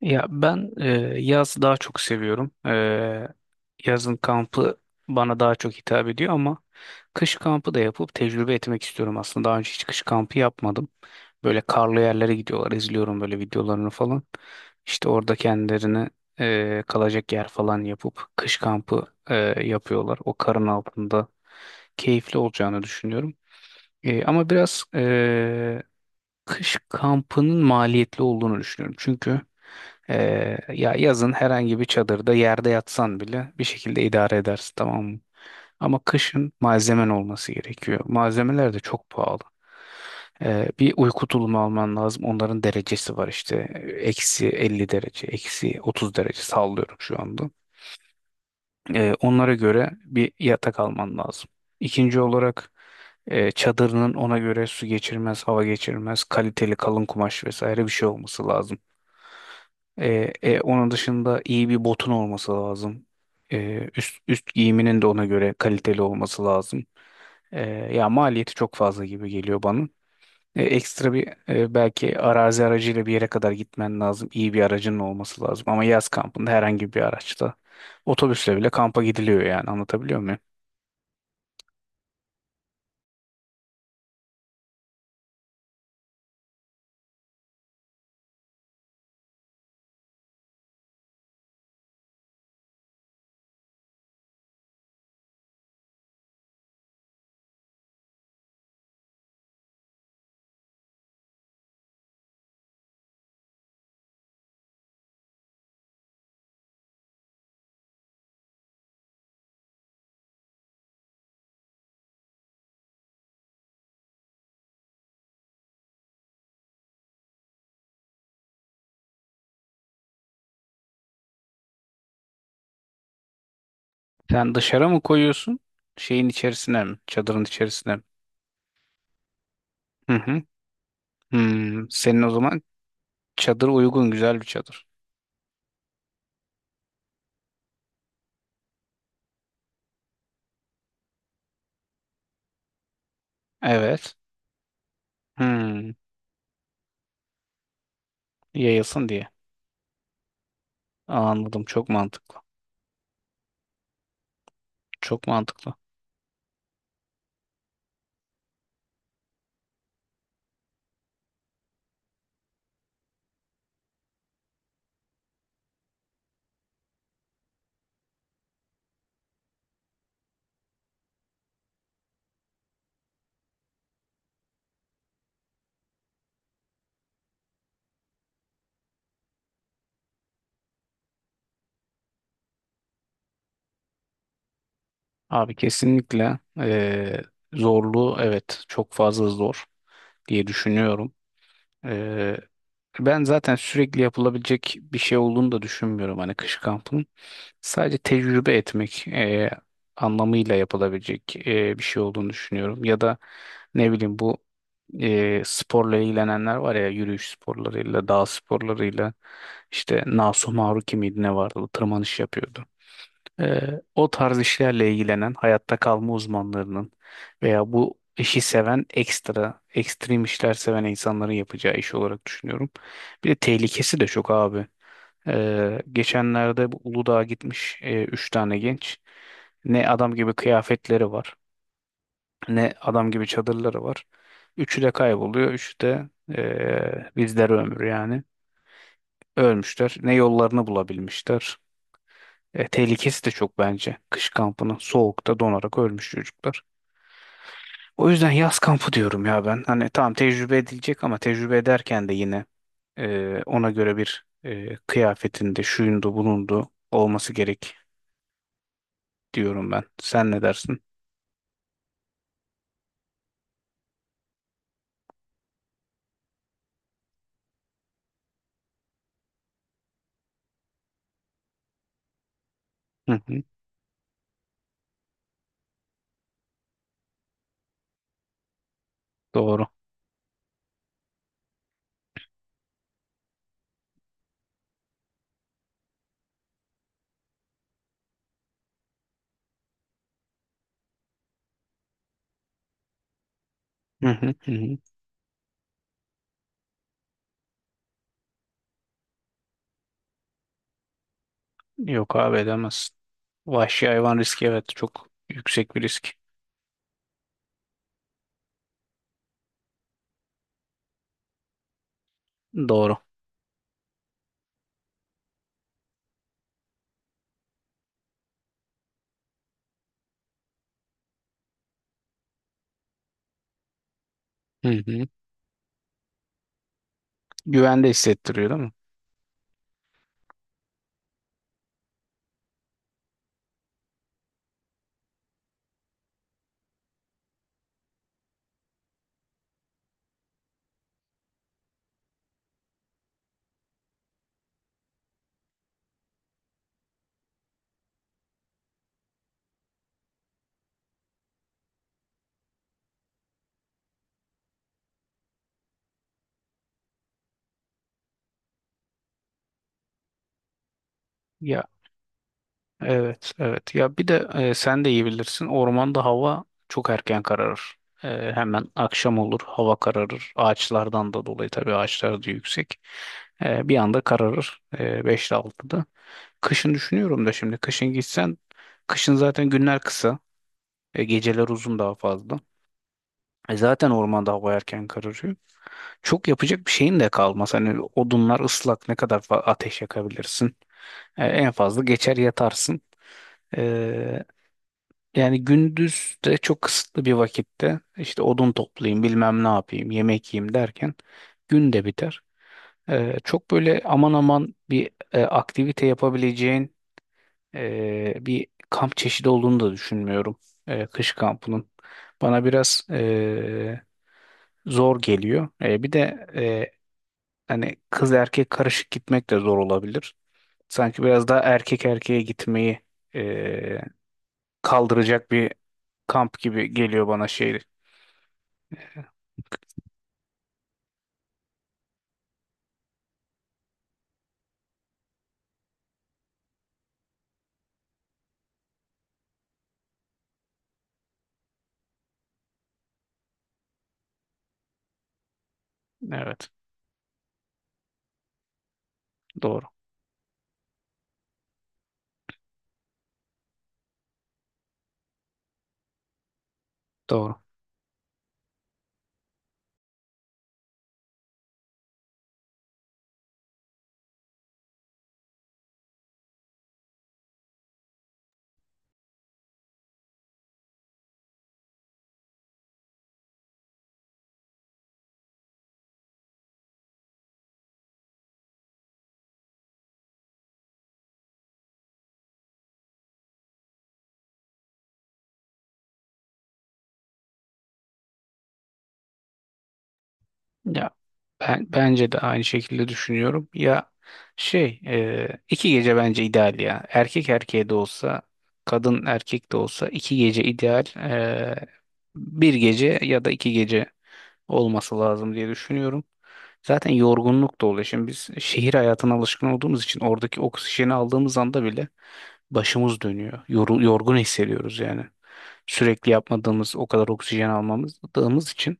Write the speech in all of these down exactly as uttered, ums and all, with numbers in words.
Ya ben e, yaz daha çok seviyorum. E, yazın kampı bana daha çok hitap ediyor ama kış kampı da yapıp tecrübe etmek istiyorum aslında. Daha önce hiç kış kampı yapmadım. Böyle karlı yerlere gidiyorlar. İzliyorum böyle videolarını falan. İşte orada kendilerine e, kalacak yer falan yapıp kış kampı e, yapıyorlar. O karın altında keyifli olacağını düşünüyorum. E, ama biraz kış kampının maliyetli olduğunu düşünüyorum. Çünkü eee, ya yazın herhangi bir çadırda yerde yatsan bile bir şekilde idare edersin, tamam mı? Ama kışın malzemen olması gerekiyor. Malzemeler de çok pahalı. Eee, bir uyku tulumu alman lazım. Onların derecesi var işte. Eksi elli derece, eksi otuz derece sallıyorum şu anda. E, onlara göre bir yatak alman lazım. İkinci olarak e, çadırının ona göre su geçirmez, hava geçirmez, kaliteli kalın kumaş vesaire bir şey olması lazım. E, e, onun dışında iyi bir botun olması lazım. E, üst, üst giyiminin de ona göre kaliteli olması lazım. E, Ya maliyeti çok fazla gibi geliyor bana. E, ekstra bir e, belki arazi aracıyla bir yere kadar gitmen lazım. İyi bir aracın olması lazım. Ama yaz kampında herhangi bir araçta, otobüsle bile kampa gidiliyor, yani anlatabiliyor muyum? Sen dışarı mı koyuyorsun? Şeyin içerisine mi? Çadırın içerisine mi? Hı hı. Hmm. Senin o zaman çadır uygun, güzel bir çadır. Evet. Hmm. Yayılsın diye. Anladım. Çok mantıklı. Çok mantıklı. Abi kesinlikle eee zorluğu, evet, çok fazla zor diye düşünüyorum. Ben zaten sürekli yapılabilecek bir şey olduğunu da düşünmüyorum, hani kış kampının. Sadece tecrübe etmek e, anlamıyla yapılabilecek e, bir şey olduğunu düşünüyorum. Ya da ne bileyim, bu e, sporla ilgilenenler var ya, yürüyüş sporlarıyla, dağ sporlarıyla, işte Nasu Maruki miydi ne vardı, bu tırmanış yapıyordu. Ee, o tarz işlerle ilgilenen hayatta kalma uzmanlarının veya bu işi seven ekstra, ekstrem işler seven insanların yapacağı iş olarak düşünüyorum. Bir de tehlikesi de çok abi. Ee, geçenlerde bu Uludağ'a gitmiş e, üç tane genç. Ne adam gibi kıyafetleri var, ne adam gibi çadırları var. Üçü de kayboluyor, üçü de e, bizlere ömür yani. Ölmüşler. Ne yollarını bulabilmişler. E, tehlikesi de çok bence. Kış kampının soğukta donarak ölmüş çocuklar. O yüzden yaz kampı diyorum ya ben. Hani tamam, tecrübe edilecek ama tecrübe ederken de yine e, ona göre bir e, kıyafetinde şuyundu bulundu olması gerek diyorum ben. Sen ne dersin? Hı hı, doğru. Hı hı, hı hı. Yok abi, edemezsin. Vahşi hayvan riski, evet, çok yüksek bir risk. Doğru. Hı hı. Güvende hissettiriyor, değil mi? Ya, evet, evet. Ya bir de e, sen de iyi bilirsin. Ormanda hava çok erken kararır. E, hemen akşam olur, hava kararır. Ağaçlardan da dolayı, tabii ağaçlar da yüksek. E, bir anda kararır. E, beş ile altıda. Kışın düşünüyorum da şimdi. Kışın gitsen, kışın zaten günler kısa. E, geceler uzun daha fazla. E, zaten ormanda hava erken kararıyor. Çok yapacak bir şeyin de kalmaz. Hani odunlar ıslak, ne kadar fa- ateş yakabilirsin. E, en fazla geçer yatarsın. E, Yani gündüz de çok kısıtlı bir vakitte işte odun toplayayım, bilmem ne yapayım, yemek yiyeyim derken gün de biter. Ee, çok böyle aman aman bir e, aktivite yapabileceğin e, bir kamp çeşidi olduğunu da düşünmüyorum, e, kış kampının. Bana biraz e, zor geliyor. E, bir de e, hani kız erkek karışık gitmek de zor olabilir. Sanki biraz daha erkek erkeğe gitmeyi e, kaldıracak bir kamp gibi geliyor bana şey. Evet, doğru, doğru. Ya ben bence de aynı şekilde düşünüyorum. Ya şey, e, iki gece bence ideal ya. Erkek erkeğe de olsa, kadın erkek de olsa iki gece ideal. E, bir gece ya da iki gece olması lazım diye düşünüyorum. Zaten yorgunluk da oluyor. Şimdi biz şehir hayatına alışkın olduğumuz için oradaki oksijeni aldığımız anda bile başımız dönüyor. Yoru- yorgun hissediyoruz yani. Sürekli yapmadığımız, o kadar oksijen almadığımız için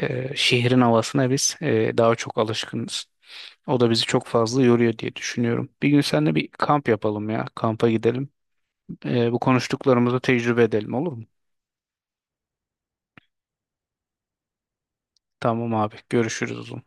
e, şehrin havasına biz e, daha çok alışkınız. O da bizi çok fazla yoruyor diye düşünüyorum. Bir gün seninle bir kamp yapalım ya. Kampa gidelim. E, bu konuştuklarımızı tecrübe edelim, olur mu? Tamam abi. Görüşürüz o zaman.